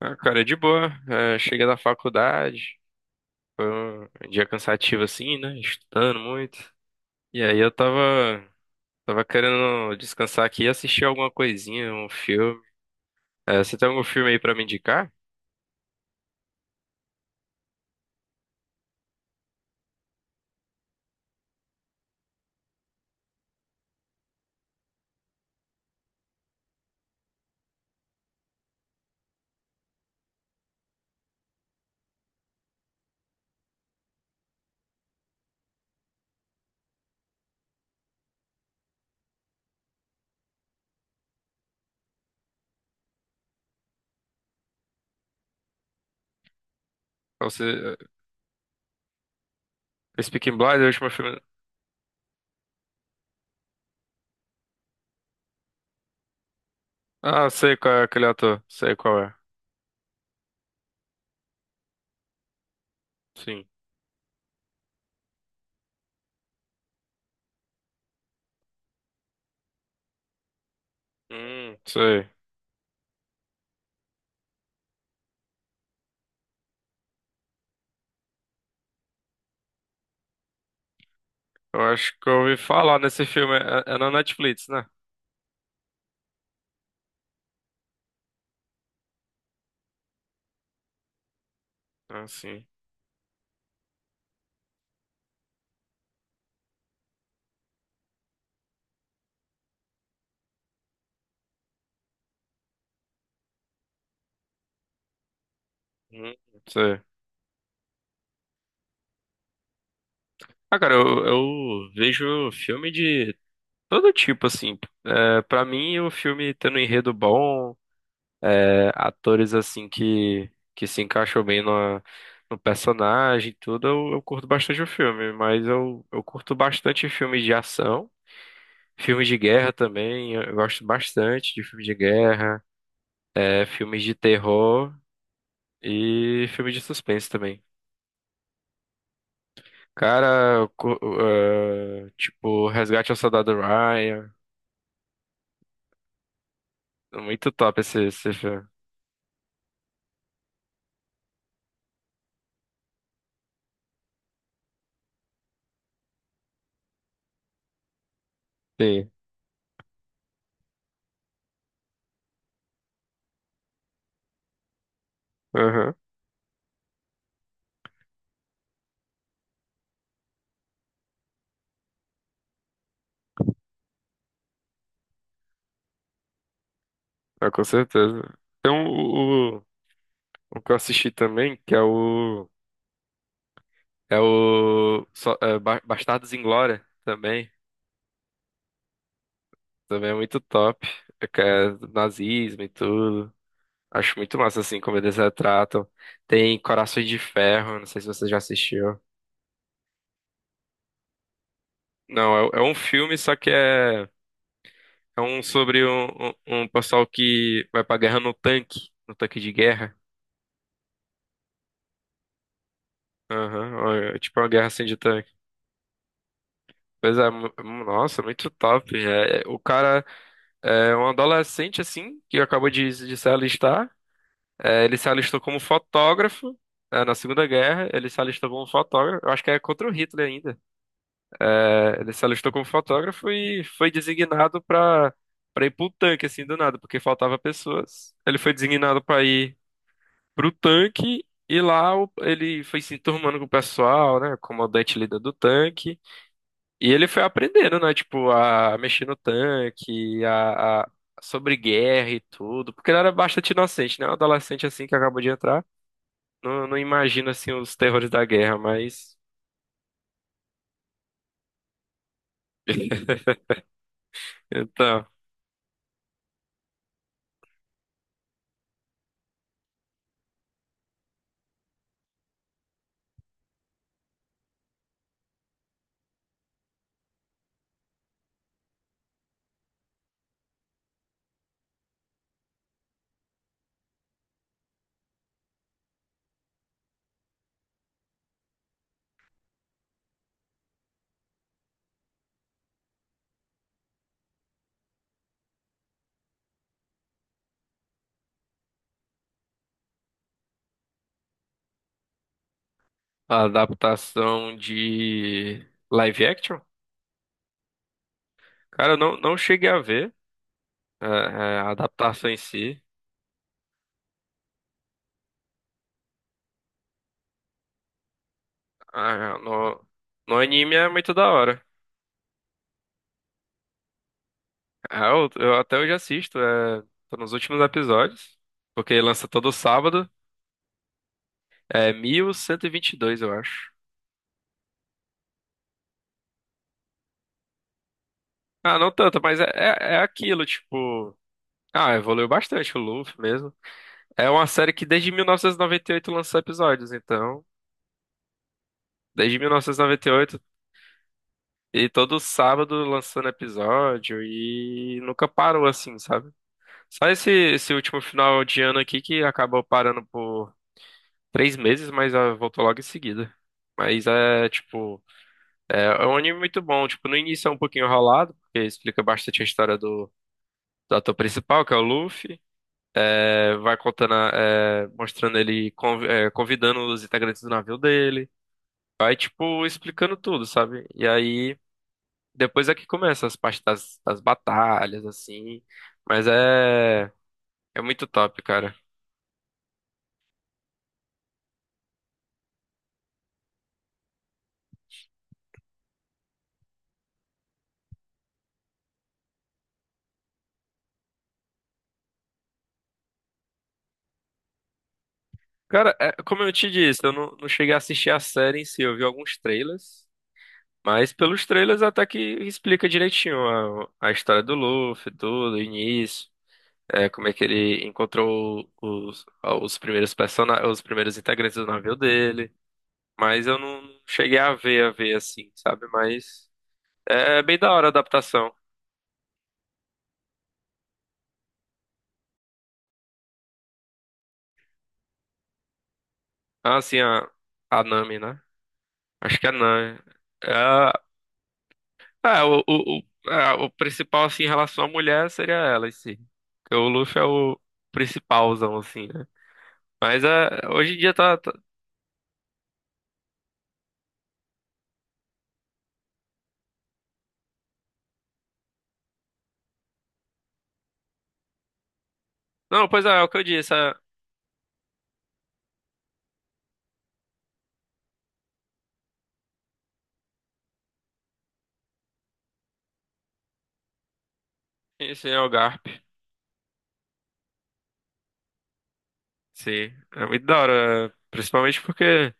Ah, cara, é de boa. É, cheguei da faculdade, foi um dia cansativo assim, né? Estudando muito. E aí eu tava querendo descansar aqui e assistir alguma coisinha, um filme. É, você tem algum filme aí pra me indicar? Ou você, Speaking Blind, é o último filme. Ah, sei qual é aquele ator, sei qual é. Sim. Sei. Eu acho que eu ouvi falar nesse filme. É na Netflix, né? Ah, sim. Hum, sei. Ah, cara, eu vejo filme de todo tipo, assim. É, para mim, o filme tendo um enredo bom, atores, assim, que se encaixam bem no personagem e tudo, eu curto bastante o filme. Mas eu curto bastante filmes de ação, filmes de guerra também. Eu gosto bastante de filmes de guerra, filmes de terror e filmes de suspense também. Cara, tipo, Resgate ao Soldado Ryan. Muito top esse filme. Sim. Ah, com certeza. Então, o que eu assisti também, que é o, é o só- é, Ba- Bastardos Inglória também. Também é muito top. É que é nazismo e tudo. Acho muito massa, assim, como eles retratam. Tem Corações de Ferro, não sei se você já assistiu. Não, é um filme, só que é um sobre um, um pessoal que vai pra guerra no tanque, no tanque de guerra. Aham, ó, é tipo uma guerra assim de tanque. Pois é, nossa, muito top. É, o cara é um adolescente, assim, que acabou de se alistar. É, ele se alistou como fotógrafo, na Segunda Guerra. Ele se alistou como fotógrafo. Eu acho que é contra o Hitler ainda. É, ele se alistou como fotógrafo e foi designado para ir pro tanque, assim, do nada, porque faltava pessoas. Ele foi designado para ir pro tanque. E lá ele foi se enturmando com o pessoal, né? Comandante líder do tanque. E ele foi aprendendo, né? Tipo, a mexer no tanque, sobre guerra e tudo. Porque ele era bastante inocente, né? Um adolescente assim que acabou de entrar. Não, não imagina, assim, os terrores da guerra, mas. Então, a adaptação de live action? Cara, eu não, não cheguei a ver a adaptação em si. Ah, no anime é muito da hora. Ah, eu até hoje assisto, tô nos últimos episódios. Porque lança todo sábado. É mil cento e vinte e dois eu acho. Ah, não tanto, mas é aquilo, tipo. Ah, evoluiu bastante o Luffy mesmo. É uma série que desde mil novecentos e noventa e oito lançou episódios, então. Desde 1998, e noventa e oito. E todo sábado lançando episódio, e nunca parou assim, sabe? Só esse último final de ano aqui que acabou parando por 3 meses, mas voltou logo em seguida. Mas é, tipo. É um anime muito bom. Tipo, no início é um pouquinho enrolado, porque explica bastante a história do ator principal, que é o Luffy, vai contando, mostrando ele, convidando os integrantes do navio dele, vai, tipo, explicando tudo, sabe? E aí, depois é que começa as partes das, batalhas, assim, mas é muito top, cara. Cara, como eu te disse, eu não, não cheguei a assistir a série em si, eu vi alguns trailers, mas pelos trailers até que explica direitinho a história do Luffy, tudo, o início. É como é que ele encontrou os primeiros persona os primeiros integrantes do navio dele. Mas eu não cheguei a ver assim, sabe? Mas é bem da hora a adaptação. Ah, assim, a Nami, né? Acho que é a Nami. É, a- é, o, o, o principal, assim, em relação à mulher seria ela em si. Porque o Luffy é o principalzão, assim, né? Mas hoje em dia tá. Não, pois é, o que eu disse. É, esse é o Garp. Sim, é muito da hora. Principalmente porque.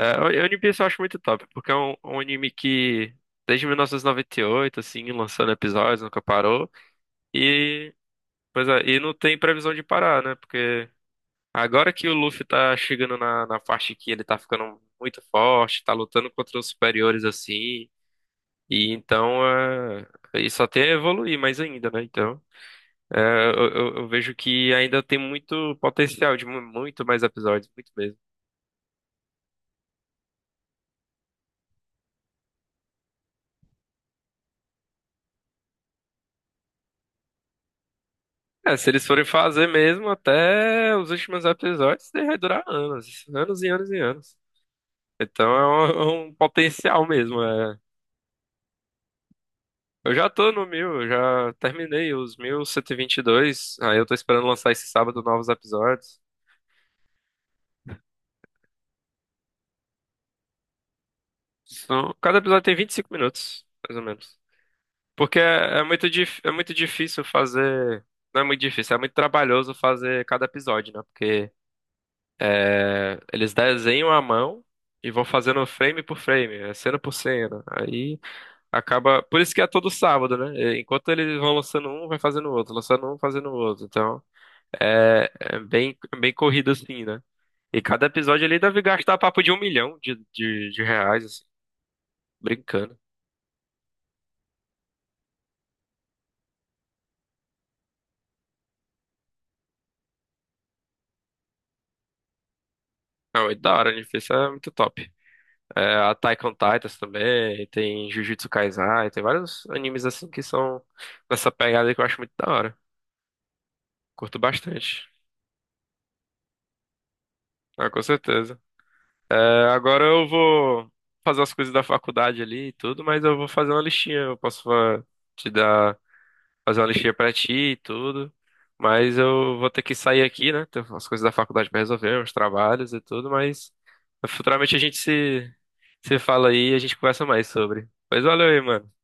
One Piece eu acho muito top, porque é um anime que desde 1998, assim, lançando episódios, nunca parou. E, pois é, e não tem previsão de parar, né? Porque agora que o Luffy tá chegando na parte que ele tá ficando muito forte, tá lutando contra os superiores, assim, e então isso até evoluir mais ainda, né? Então, é, eu vejo que ainda tem muito potencial de muito mais episódios, muito mesmo. É, se eles forem fazer mesmo até os últimos episódios, isso vai durar anos, anos e anos e anos. Então um, é um potencial mesmo. É. Eu já tô no 1000, eu já terminei os mil cento e vinte e dois aí eu tô esperando lançar esse sábado novos episódios. Cada episódio tem 25 minutos, mais ou menos. Porque é muito difícil fazer. Não é muito difícil, é muito trabalhoso fazer cada episódio, né? Porque é, eles desenham à mão e vão fazendo frame por frame, cena por cena. Aí acaba. Por isso que é todo sábado, né? Enquanto eles vão lançando um, vai fazendo outro, lançando um, fazendo outro. Então é bem corrido assim, né? E cada episódio ali deve gastar papo de 1 milhão de reais, assim, brincando. Não, é da hora, né? Isso é muito top. É, Attack on Titans também, tem Jujutsu Kaisen, tem vários animes assim que são nessa pegada que eu acho muito da hora. Curto bastante. Ah, com certeza. É, agora eu vou fazer as coisas da faculdade ali e tudo, mas eu vou fazer uma listinha. Eu posso te dar, fazer uma listinha pra ti e tudo. Mas eu vou ter que sair aqui, né? Tem as coisas da faculdade pra resolver, os trabalhos e tudo, mas futuramente a gente se fala aí e a gente conversa mais sobre. Mas valeu aí, mano.